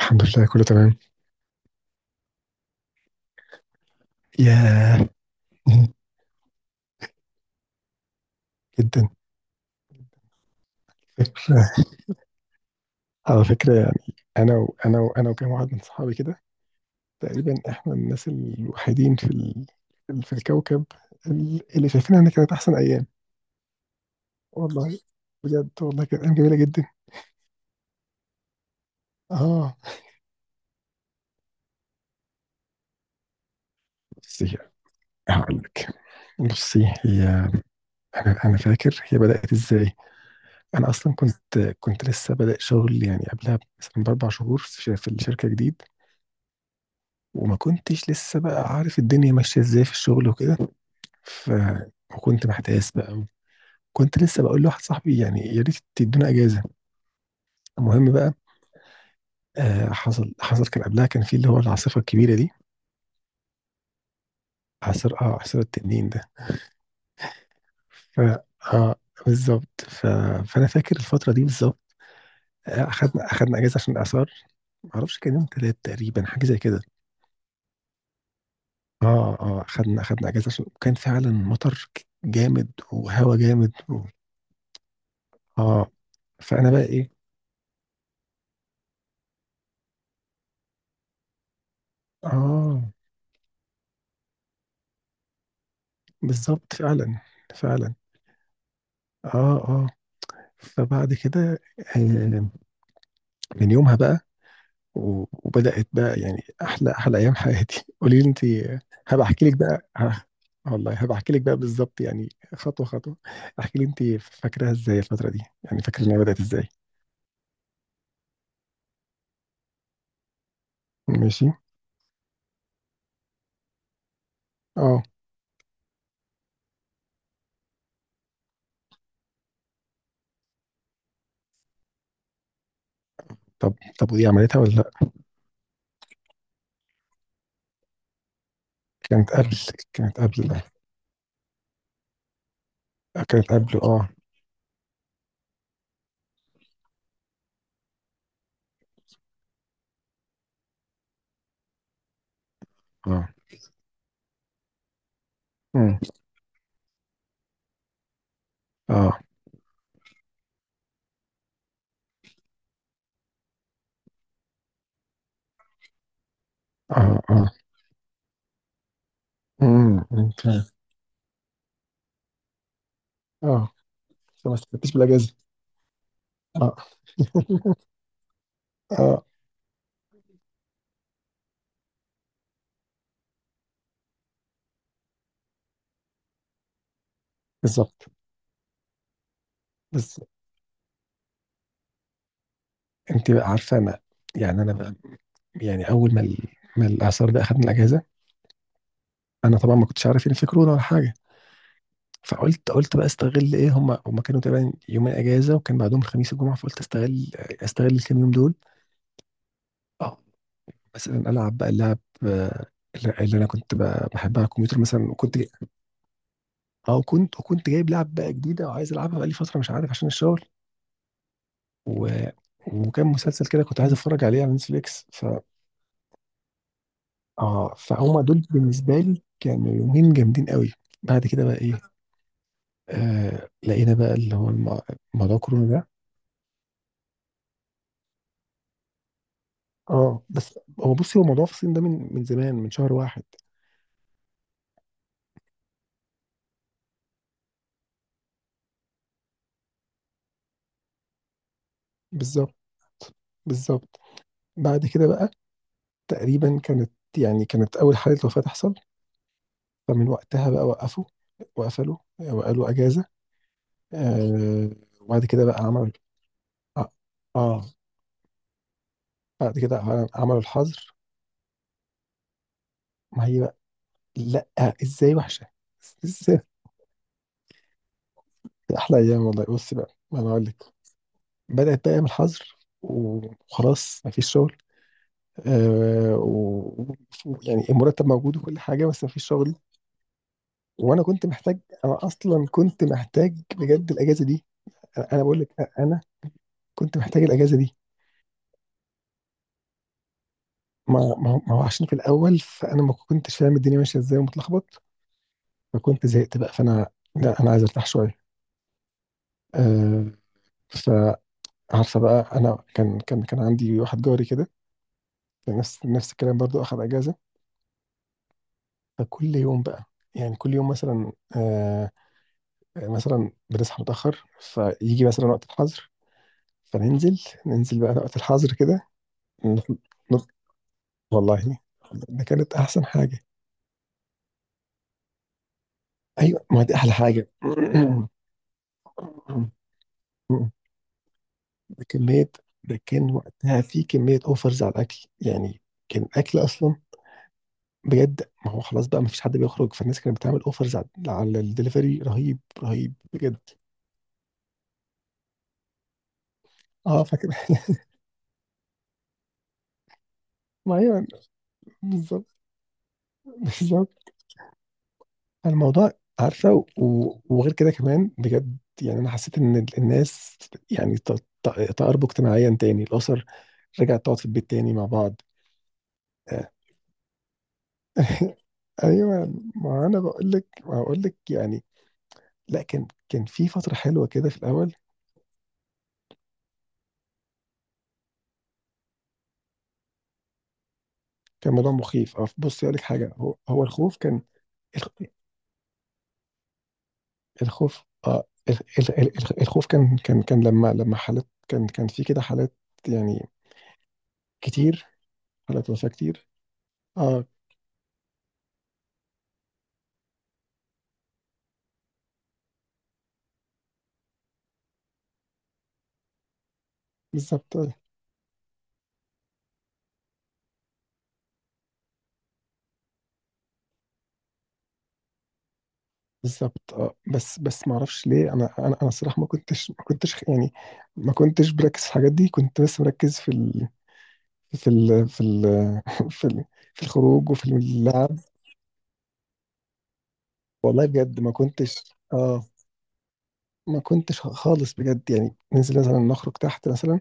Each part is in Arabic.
الحمد لله كله تمام. ياه. جدا. فكرة على فكرة، يعني أنا وأنا وأنا وكام واحد من صحابي كده تقريبا إحنا الناس الوحيدين في الكوكب اللي شايفين إن كانت أحسن أيام. والله بجد والله كانت أيام جميلة جدا. آه. بصي هقول لك. بصي هي أنا فاكر هي بدأت إزاي. أنا أصلا كنت لسه بادئ شغل، يعني قبلها مثلا ب4 شهور، في الشركة جديد، وما كنتش لسه بقى عارف الدنيا ماشية ازاي في الشغل وكده. ف وكنت محتاس بقى، كنت لسه بقول لواحد صاحبي يعني يا ريت تدونا اجازة. المهم بقى، آه، حصل كان قبلها، كان في اللي هو العاصفة الكبيرة دي، عصر التنين ده. ف اه بالظبط. فانا فاكر الفترة دي بالظبط. اخدنا اجازة عشان الاعصار. معرفش كان يوم تلات تقريبا، حاجة زي كده. اه اخدنا اجازة عشان كان فعلا مطر جامد وهوا جامد اه فانا بقى ايه، اه بالظبط فعلا. فعلا. اه. اه. فبعد كده، آه، من يومها بقى، وبدأت بقى يعني احلى ايام حياتي. قولي لي انت. هبقى احكي لك بقى. والله هبقى احكي لك بقى بالظبط يعني، خطوة خطوة. احكي لي انت، فاكراها ازاي الفترة دي؟ يعني فاكرة انها بدأت ازاي؟ ماشي. اه. طب ودي عملتها ولا لا؟ كانت قبل. كانت قبل. لا، كانت قبل. اه، اه. مم. اه، اه، اه. مم. مم. اه، فما استفدتش بالاجازة. اه. اه، بالظبط. بس انت بقى عارفه، انا يعني انا بقى، يعني اول ما ما الاعصار ده اخدني الاجازه، انا طبعا ما كنتش عارف ان في كورونا ولا حاجه. فقلت بقى استغل ايه، هم كانوا تقريبا يومين اجازه وكان بعدهم الخميس والجمعه، فقلت استغل الكام يوم دول. اه، مثلا العب بقى اللعب، آه، اللي انا كنت بحبها على الكمبيوتر مثلا، وكنت جايب لعب بقى جديده وعايز العبها بقى لي فتره، مش عارف، عشان الشغل، و... وكان مسلسل كده كنت عايز اتفرج عليه على نتفليكس. اه فهم دول بالنسبه لي كانوا يومين جامدين قوي. بعد كده بقى ايه، آه، لقينا بقى اللي هو موضوع كورونا ده. اه بس هو بصي، موضوع في الصين ده من زمان، من شهر واحد. بالظبط. بالظبط. بعد كده بقى تقريبا، كانت اول حاله وفاه تحصل، فمن وقتها بقى وقفوا، وقفلوا وقالوا اجازه. آه. وبعد كده بقى عملوا اه آه، بعد كده عملوا الحظر. ما هي بقى، لا، ازاي وحشه! احلى ايام والله، بص بقى ما انا اقول لك. بدات بقى ايام الحظر وخلاص ما فيش شغل، آه و... يعني المرتب موجود وكل حاجه، بس ما فيش شغل. وانا كنت محتاج انا اصلا كنت محتاج بجد الاجازه دي. انا بقول لك، انا كنت محتاج الاجازه دي. ما هو عشان في الاول فانا ما كنتش فاهم الدنيا ماشيه ازاي ومتلخبط، فكنت زهقت بقى. لا، انا عايز ارتاح شويه. آه فعارفه بقى، انا كان عندي واحد جاري كده نفس الكلام، برضو اخذ اجازه. فكل يوم بقى، يعني كل يوم مثلا، آه مثلا بنصحى متأخر، فيجي مثلا وقت الحظر، فننزل بقى وقت الحظر كده، نخ- نخ- والله ده كانت أحسن حاجة. أيوة، ما دي أحلى حاجة. ده كمية ده كان وقتها في كمية أوفرز على الأكل يعني. كان الأكل أصلا، بجد، ما هو خلاص بقى ما فيش حد بيخرج، فالناس كانت بتعمل أوفرز على الدليفري رهيب رهيب بجد. أه فاكر. ما أيوة، بالظبط. بالظبط. الموضوع، عارفه، وغير كده كمان بجد، يعني انا حسيت ان الناس يعني ت- تقاربوا اجتماعيا تاني، الاسر رجعت تقعد في البيت تاني مع بعض. آه، ايوه، ما بقول لك يعني، لا كان في فتره حلوه كده في الاول. كان موضوع مخيف، بصي اقول لك حاجه، هو الخوف كان، الخ- الخوف. الخوف كان لما لما حالات، كان في كده حالات يعني كتير، حالات وفاه كتير. اه. بالظبط. بالظبط. اه، بس ما اعرفش ليه، انا انا الصراحه ما كنتش يعني، ما كنتش بركز في الحاجات دي، كنت بس مركز في ال في, ال في الخروج وفي اللعب. والله بجد اه ما كنتش خالص بجد، يعني ننزل مثلا نخرج تحت مثلا،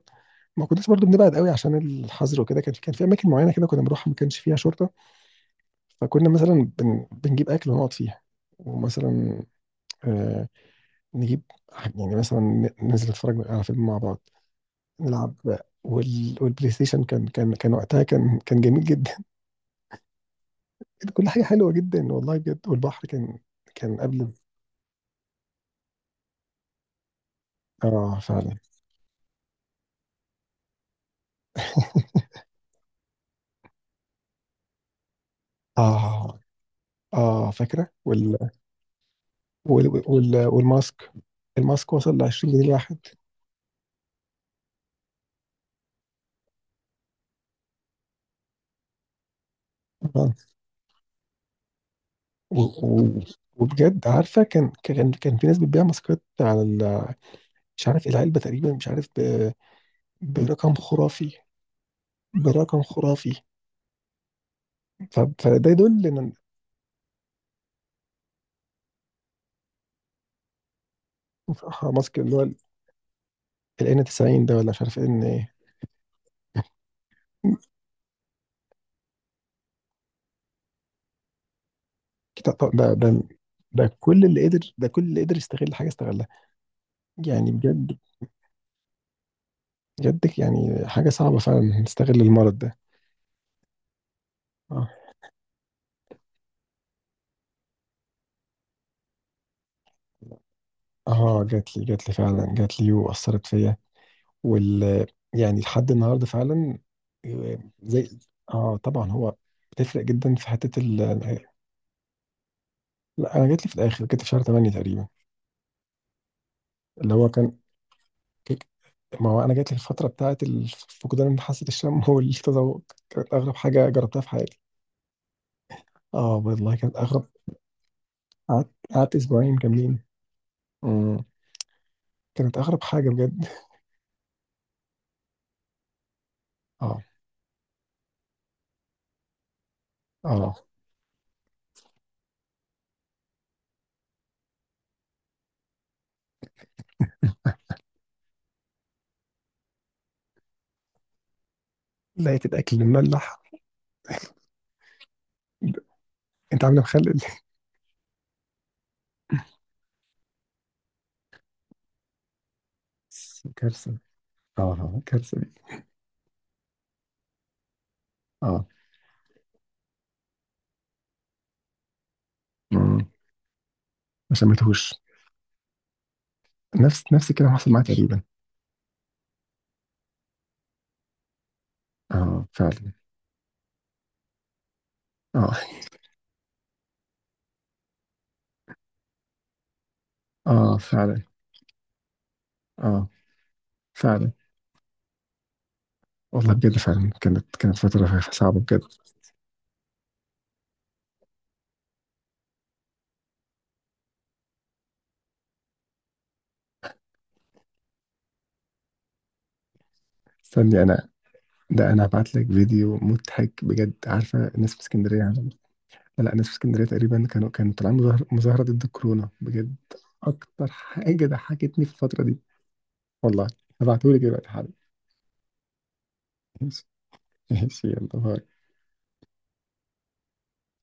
ما كنتش برضو بنبعد قوي عشان الحظر وكده. كان في اماكن معينه كده كنا بنروحها، ما كانش فيها شرطه، فكنا مثلا بنجيب اكل ونقعد فيها. ومثلا، آه نجيب يعني مثلا ن- ننزل نتفرج على فيلم مع بعض، نلعب، والبلاي ستيشن كان كان كان وقتها كان جميل جدا. كل حاجه حلوه جدا، والله بجد. والبحر كان قبل. اه، فعلا. اه، اه، فاكره، والماسك، الماسك وصل ل 20 جنيه الواحد. آه. و... و... وبجد، عارفه، كان في ناس بتبيع ماسكات على مش عارف العلبه تقريبا، مش عارف برقم خرافي. برقم خرافي. فده يدل ان، ماسك اللي هو ال N90 ده، ولا مش عارف ان. طب ده، ده كل اللي قدر، يستغل حاجه استغلها، يعني بجد. بجد يعني حاجه صعبه فعلا نستغل المرض ده. اه. اه، جات لي فعلا، جات لي واثرت فيا وال يعني لحد النهارده فعلا. آه، زي اه طبعا هو بتفرق جدا في حته لا، انا جات لي في الاخر، جات لي في شهر 8 تقريبا. اللي هو كان كيك- ما هو انا جات لي الفتره بتاعت فقدان حاسه الشم والتذوق. كانت اغرب حاجه جربتها في حياتي. اه والله كانت اغرب. قعدت اسبوعين كاملين. مم. كانت اغرب حاجه بجد. اه، اه، لقيت الاكل المملح، انت عامله مخلل. كارثه. كارثه دي. اه. مم. ما سميتهوش. نفس الكلام حصل معايا تقريبا. اه فعلا. اه، اه فعلا. اه فعلا. والله بجد فعلا، كانت فتره صعبه بجد. استني انا، ده هبعت لك فيديو مضحك بجد. عارفه الناس في اسكندريه، لا، الناس في اسكندريه تقريبا كانوا طالعين مظاهره ضد الكورونا، بجد. اكتر حاجه ضحكتني في الفتره دي. والله هبعتهولك دلوقتي حالا. ماشي. ماشي، يلا باي.